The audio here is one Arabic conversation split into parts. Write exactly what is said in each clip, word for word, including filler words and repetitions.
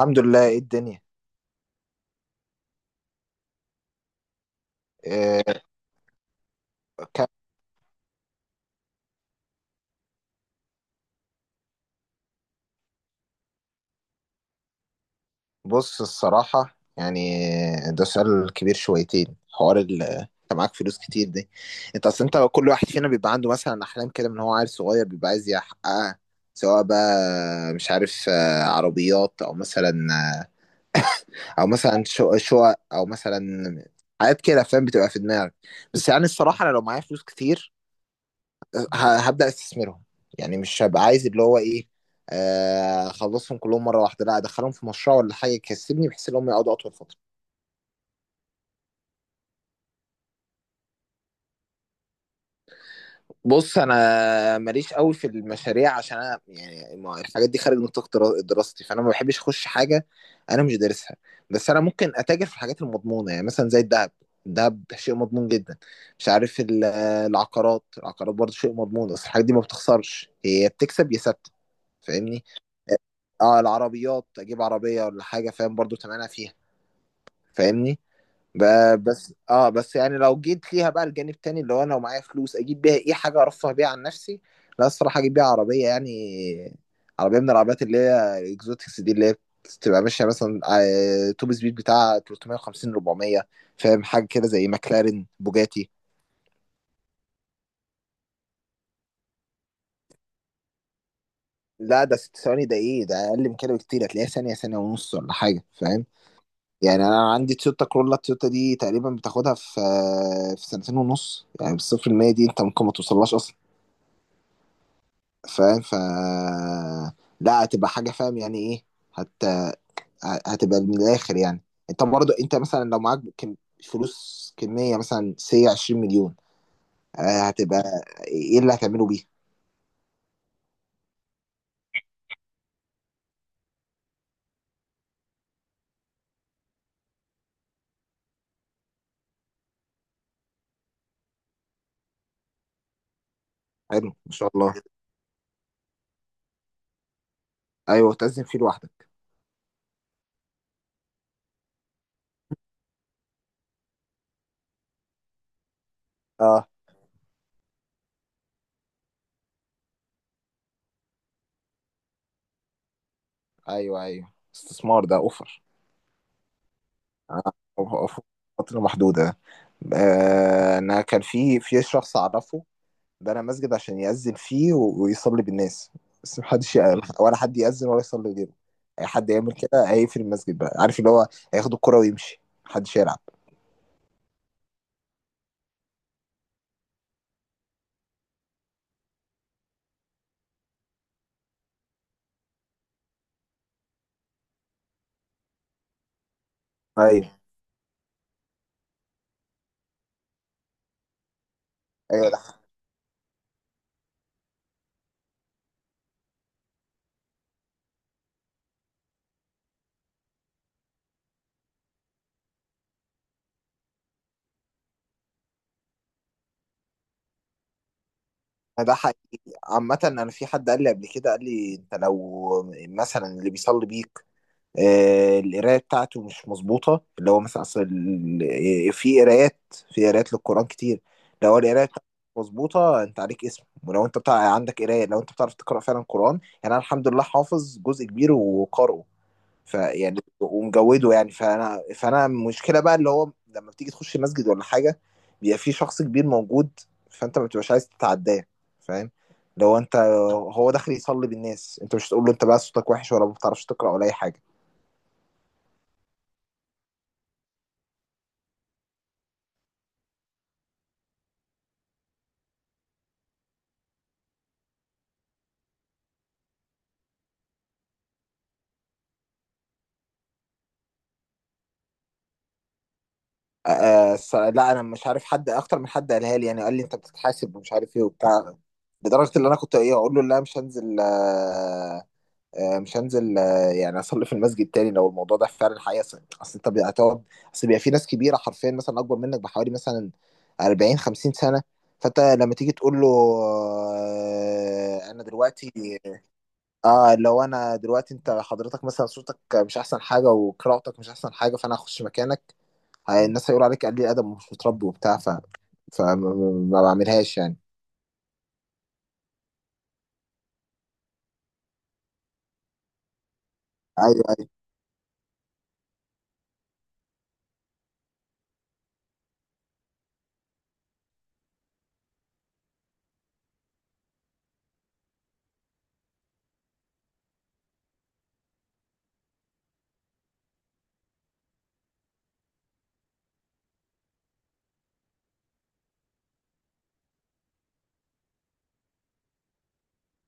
الحمد لله، ايه الدنيا؟ إيه. كان... بص، الصراحة يعني ده سؤال كبير شويتين. حوار ال- انت معاك فلوس كتير دي. انت اصل انت كل واحد فينا بيبقى عنده مثلا احلام كده، من هو عيل صغير بيبقى عايز يحققها. سواء بقى مش عارف، آه، عربيات او مثلا، آه، او مثلا شو- شقق، او مثلا حاجات كده، فاهم، بتبقى في دماغك. بس يعني الصراحة انا لو معايا فلوس كتير ه- هبدأ استثمرهم. يعني مش هبقى عايز اللي هو ايه، آه، اخلصهم كلهم مره واحده، لا ادخلهم في مشروع ولا حاجه يكسبني، بحيث ان هم يقعدوا اطول فتره. بص انا ماليش قوي في المشاريع عشان انا يعني ما- الحاجات دي خارج نطاق درا- دراستي، فانا ما بحبش اخش حاجه انا مش دارسها. بس انا ممكن اتاجر في الحاجات المضمونه، يعني مثلا زي الذهب. الذهب شيء مضمون جدا. مش عارف ال- العقارات، العقارات برضه شيء مضمون. بس الحاجات دي ما بتخسرش، هي بتكسب يا ثابته. فاهمني. اه العربيات اجيب عربيه ولا حاجه، فاهم، برضو تمنها فيها. فاهمني. ب- بس اه بس يعني لو جيت ليها بقى الجانب التاني اللي هو انا لو معايا فلوس اجيب بيها ايه، حاجه ارفه بيها عن نفسي. لا الصراحه اجيب بيها عربيه يعني. عربيه من العربيات اللي هي الاكزوتكس دي، اللي هي بتبقى ماشيه مثلا، آه، توب سبيد بتاع 350 اربعمية. فاهم حاجه كده زي ماكلارين، بوجاتي. لا ده ست ثواني، ده ايه ده؟ اقل من كده بكتير، هتلاقيها ثانيه، ثانيه ونص ولا حاجه، فاهم. يعني انا عندي تويوتا كرولا، التويوتا دي تقريبا بتاخدها في في سنتين ونص، يعني بالصفر المية دي انت ممكن ما توصلهاش اصلا. فاهم. ف- لا هتبقى حاجه فاهم يعني ايه. هت... هتبقى من الاخر يعني. انت برضه انت مثلا لو معاك كم... فلوس كميه مثلا سي عشرين مليون، آه، هتبقى ايه اللي هتعمله بيها؟ حلو، ما شاء الله. ايوه تزن فيه لوحدك. اه. ايوه، ايوه، استثمار ده اوفر. آه، ف- فترة محدودة. آه، أنا كان في في شخص أعرفه بنى مسجد عشان يأذن فيه و- ويصلي بالناس. بس محدش يق- ولا حد يأذن ولا يصلي غيره. أي حد يعمل كده هيقفل المسجد بقى، عارف اللي هو، هياخد الكرة ويمشي، محدش يلعب. ايوه ايوه. ده ده حقيقي. عامة أنا في حد قال لي قبل كده، قال لي أنت لو مثلا اللي بيصلي بيك آه، القرايه بتاعته مش مظبوطه اللي هو مثلا اصل ال- آه، في قرايات، في قرايات للقران كتير. لو هو القرايه بتاعته مش مظبوطه انت عليك اسم. ولو انت بتاع عندك قرايه، لو انت بتعرف تقرا فعلا قران، يعني انا الحمد لله حافظ جزء كبير وقارئه فيعني ومجوده يعني. فانا، فانا المشكله بقى اللي هو لما بتيجي تخش مسجد ولا حاجه بيبقى في شخص كبير موجود، فانت ما بتبقاش عايز تتعداه، فاهم. لو انت هو داخل يصلي بالناس، انت مش تقول له انت بقى صوتك وحش، ولا ما بتعرفش تقرا، ولا اي حاجه. آه. آه، س- لا انا مش عارف حد اكتر من حد قالها لي يعني، قال لي انت بتتحاسب ومش عارف ايه وبتاع، لدرجه ان انا كنت ايه اقول له لا مش هنزل آه، آه مش هنزل آه يعني اصلي في المسجد تاني لو الموضوع ده فعلا حقيقه. اصل، أصل انت بي- هتقعد اصل بيبقى في ناس كبيره حرفيا مثلا اكبر منك بحوالي مثلا اربعين خمسين سنه. فانت لما تيجي تقول له آه انا دلوقتي، اه لو انا دلوقتي انت حضرتك مثلا صوتك مش احسن حاجه وقراءتك مش احسن حاجه، فانا هخش مكانك، هي- الناس هيقولوا عليك قليل ادب ومش متربي وبتاع. ف فما ما بعملهاش يعني. ايوه ايوه.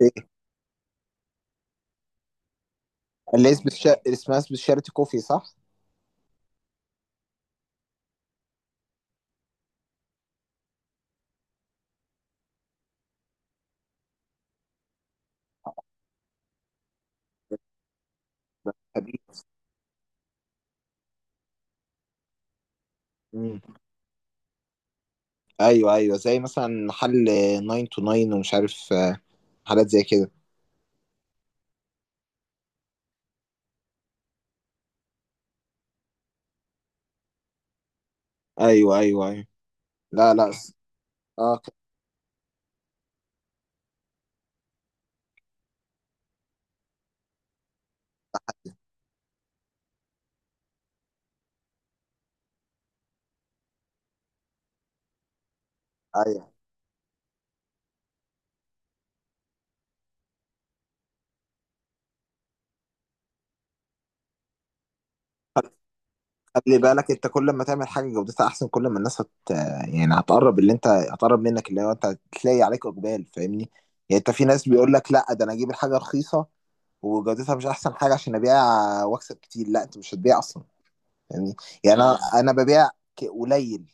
إيه؟ اللي اسمه شا... اسمها اسمه شارتي كوفي، صح؟ حبيبي. مم. ايوه ايوه زي مثلا محل nine to nine ومش عارف، آه، حاجات زي كده. ايوه ايوه ايوه. لا لا س-. اه ك-. ايوه خلي بالك، انت كل ما تعمل حاجه جودتها احسن كل ما الناس هت... يعني هتقرب، اللي انت هتقرب منك اللي هو انت هتلاقي عليك اقبال، فاهمني. يعني انت في ناس بيقول لك لا ده انا اجيب الحاجه رخيصه وجودتها مش احسن حاجه عشان ابيع واكسب كتير. لا انت مش هتبيع اصلا، فاهمني. يعني انا امم انا ببيع ك- قليل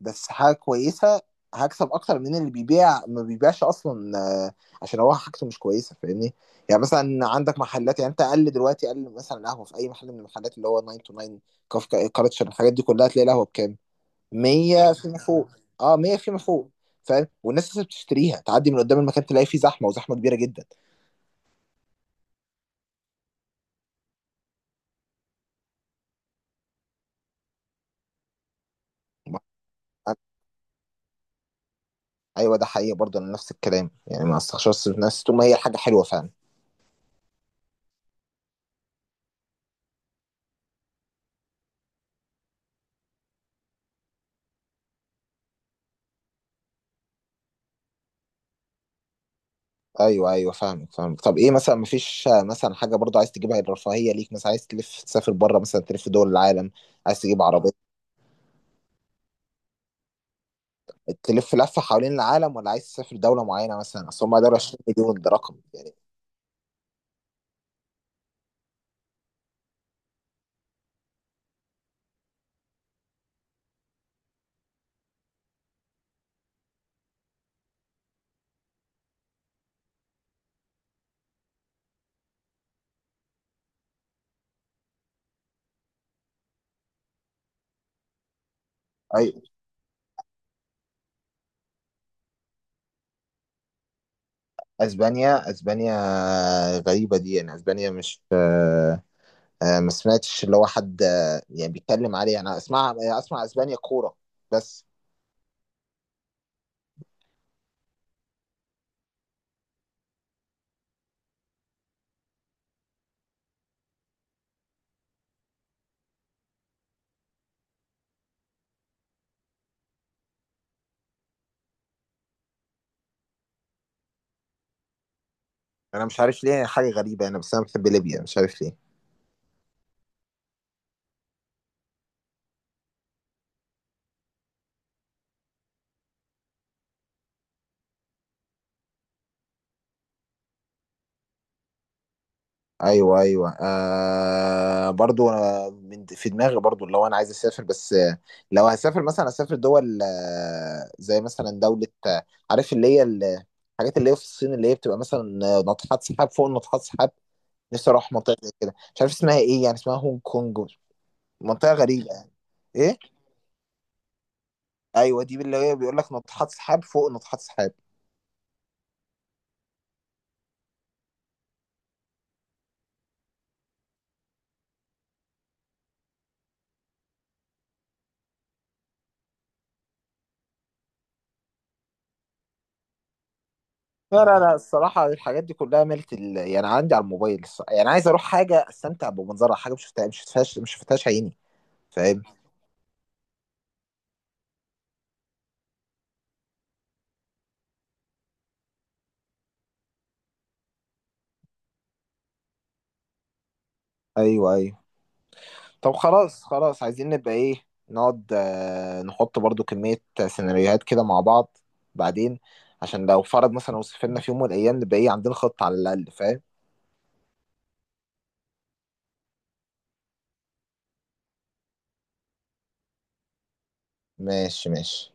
بس حاجه كويسه، هكسب اكتر من اللي بيبيع ما بيبيعش اصلا، آه، عشان هو حاجته مش كويسه، فاهمني. يعني مثلا عندك محلات، يعني انت اقل دلوقتي اقل مثلا قهوه في اي محل من المحلات اللي هو تسعة تو تسعة، كافكا كالتشر، الحاجات دي كلها، تلاقي القهوه بكام؟ مية جنيه فيما فوق. اه مية فيما فوق. فاهم، والناس لسه بتشتريها، تعدي من قدام المكان تلاقي فيه زحمه، وزحمه كبيره جدا. ايوه ده حقيقي. برضه انا نفس الكلام يعني ما استخسرش نفسي طول ما هي حاجه حلوه فعلا. ايوه ايوه فاهمك فاهمك. طب ايه مثلا؟ مفيش مثلا حاجه برضو عايز تجيبها الرفاهيه ليك؟ مثلا عايز تلف تسافر بره، مثلا تلف دول العالم، عايز تجيب عربيه، تلف لفه حوالين العالم، ولا عايز تسافر دوله معينه مثلا؟ اصل هم دول عشرين مليون ده، رقم. ايوه. اسبانيا، اسبانيا غريبه دي يعني. اسبانيا مش آه، آه، ما سمعتش اللي هو حد، آه، يعني بيتكلم عليها. انا اسمع اسمع اسبانيا كوره بس. انا مش عارف ليه، حاجه غريبه، انا بس انا بحب ليبيا مش عارف ليه. ايوه ايوه آه برضو. أنا من في دماغي برضو لو انا عايز اسافر، بس آه، لو هسافر مثلا اسافر دول، آه، زي مثلا دولة، آه، عارف اللي هي ال- الحاجات اللي هي في الصين، اللي هي بتبقى مثلا، آه، ناطحات سحاب فوق ناطحات سحاب. نفسي اروح منطقة زي كده، مش عارف اسمها ايه، يعني اسمها هونج كونج. منطقة غريبة يعني. ايه. ايوه دي اللي هي بيقول لك ناطحات سحاب فوق ناطحات سحاب. لا لا لا، الصراحة الحاجات دي كلها ملت ال... يعني عندي على الموبايل الصراحة. يعني عايز اروح حاجة استمتع بمنظرها، حاجة مش شفتها، مش شفتهاش مش شفتهاش عيني. فاهم. ايوه ايوه. طب خلاص خلاص عايزين نبقى ايه، نقعد آه، نحط برضو كمية سيناريوهات كده مع بعض، بعدين عشان لو فرض مثلا لو سافرنا في يوم من الايام نبقى ايه عندنا خطة على الاقل، فاهم. ماشي ماشي.